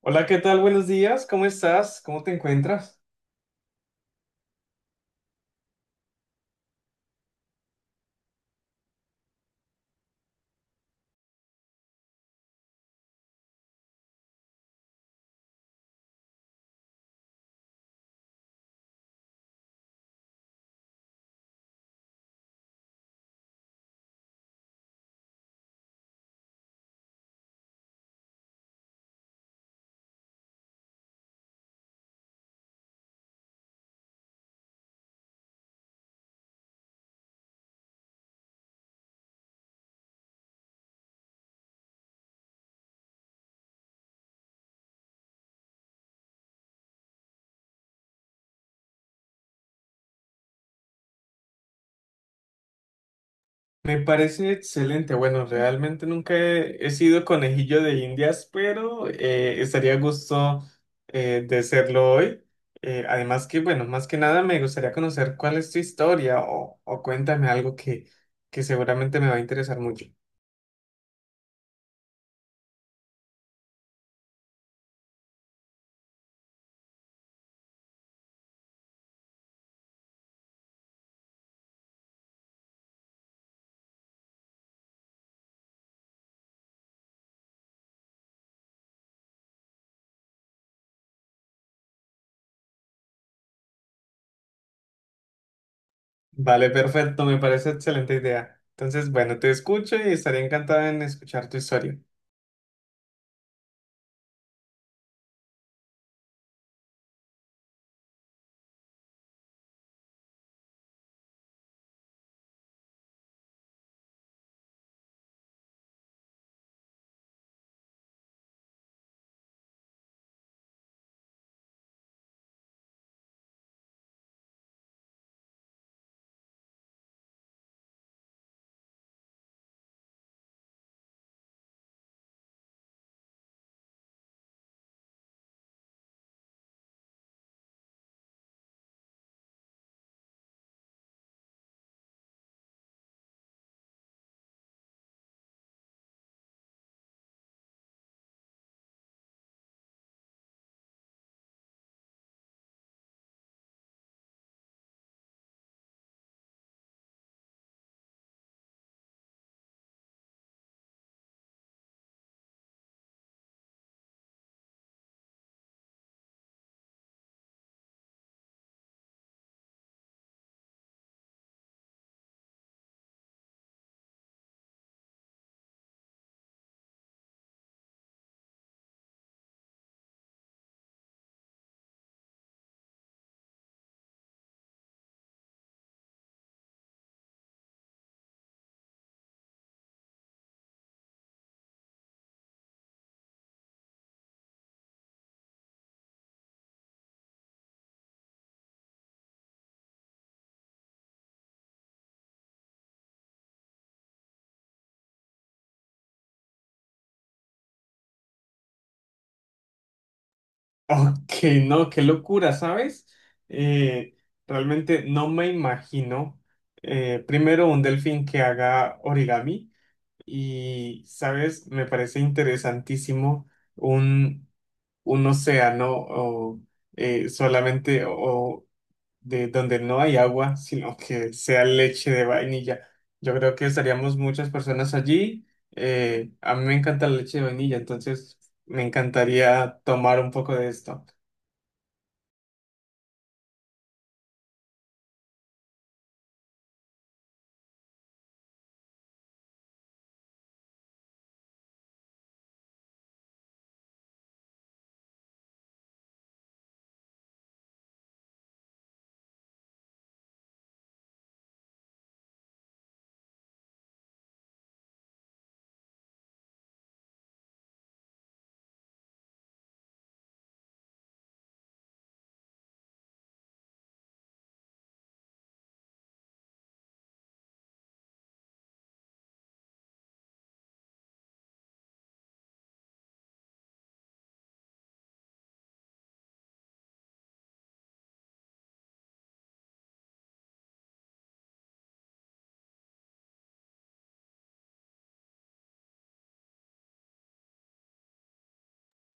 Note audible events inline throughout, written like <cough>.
Hola, ¿qué tal? Buenos días, ¿cómo estás? ¿Cómo te encuentras? Me parece excelente. Bueno, realmente nunca he sido conejillo de Indias, pero estaría a gusto de serlo hoy. Además que, bueno, más que nada me gustaría conocer cuál es tu historia o cuéntame algo que seguramente me va a interesar mucho. Vale, perfecto, me parece excelente idea. Entonces, bueno, te escucho y estaría encantado en escuchar tu historia. Ok, no, qué locura, ¿sabes? Eh, Realmente no me imagino primero un delfín que haga origami y, ¿sabes? Me parece interesantísimo un, un océano solamente o de donde no hay agua, sino que sea leche de vainilla. Yo creo que estaríamos muchas personas allí. A mí me encanta la leche de vainilla, entonces me encantaría tomar un poco de esto.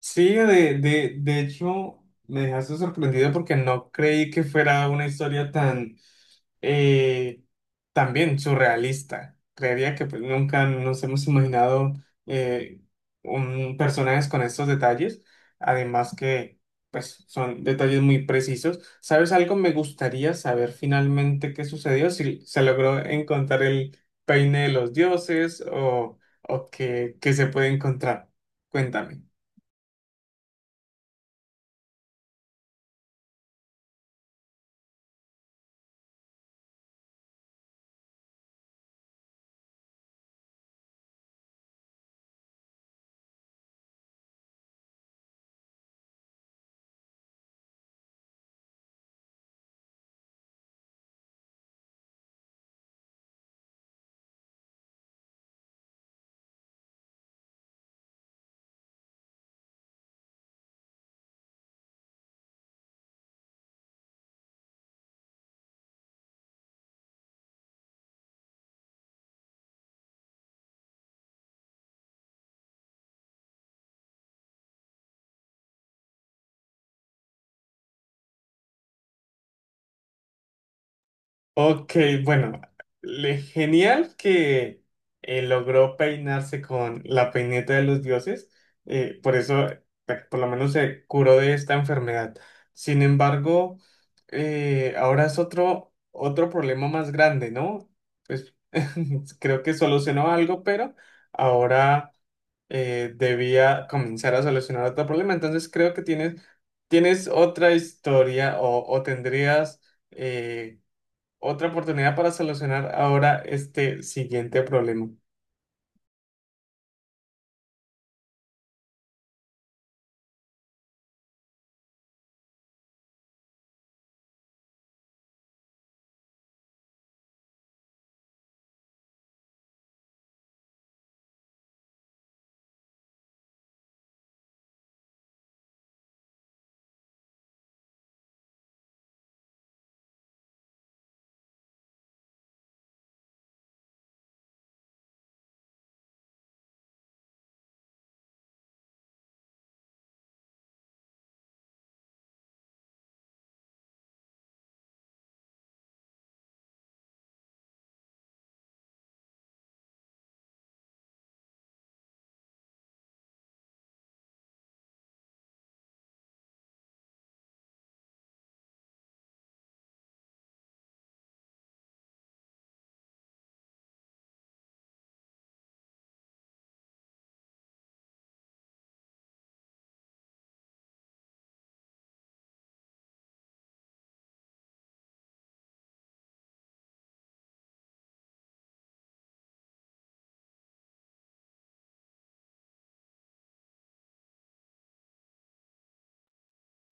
Sí, de hecho, me dejaste sorprendido porque no creí que fuera una historia tan, eh, también surrealista. Creería que pues, nunca nos hemos imaginado eh, un, personajes con estos detalles, además que pues, son detalles muy precisos. ¿Sabes algo? Me gustaría saber finalmente qué sucedió, si se logró encontrar el peine de los dioses o qué, qué se puede encontrar. Cuéntame. Ok, bueno, genial que logró peinarse con la peineta de los dioses, por eso, bueno, por lo menos se curó de esta enfermedad. Sin embargo, ahora es otro, otro problema más grande, ¿no? Pues <laughs> creo que solucionó algo, pero ahora debía comenzar a solucionar otro problema. Entonces creo que tienes otra historia o tendrías eh, otra oportunidad para solucionar ahora este siguiente problema.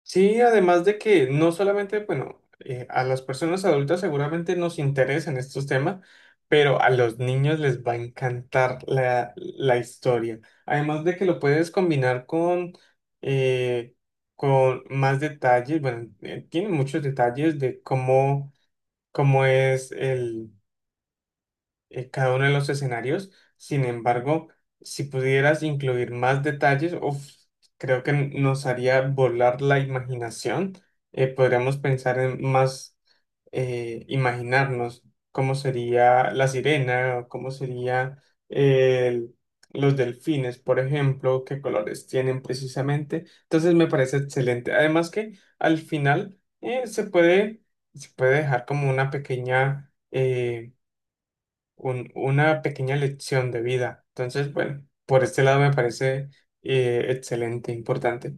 Sí, además de que no solamente, bueno, a las personas adultas seguramente nos interesan estos temas, pero a los niños les va a encantar la historia. Además de que lo puedes combinar eh, con más detalles, bueno, tiene muchos detalles de cómo, cómo es cada uno de los escenarios. Sin embargo, si pudieras incluir más detalles, uf, creo que nos haría volar la imaginación. Podríamos pensar en más, imaginarnos cómo sería la sirena, o cómo sería eh, el- los delfines, por ejemplo, qué colores tienen precisamente. Entonces me parece excelente. Además que al final se puede dejar como una pequeña... una pequeña lección de vida. Entonces, bueno, por este lado me parece excelente, importante.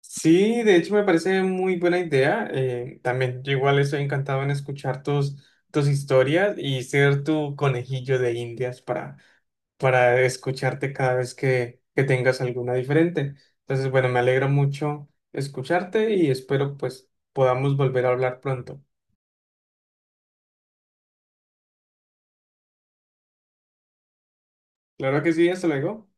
Sí, de hecho me parece muy buena idea. También yo igual estoy encantado en escuchar tus, tus historias y ser tu conejillo de indias para escucharte cada vez que tengas alguna diferente. Entonces, bueno, me alegra mucho escucharte y espero pues podamos volver a hablar pronto. Claro que sí, hasta luego.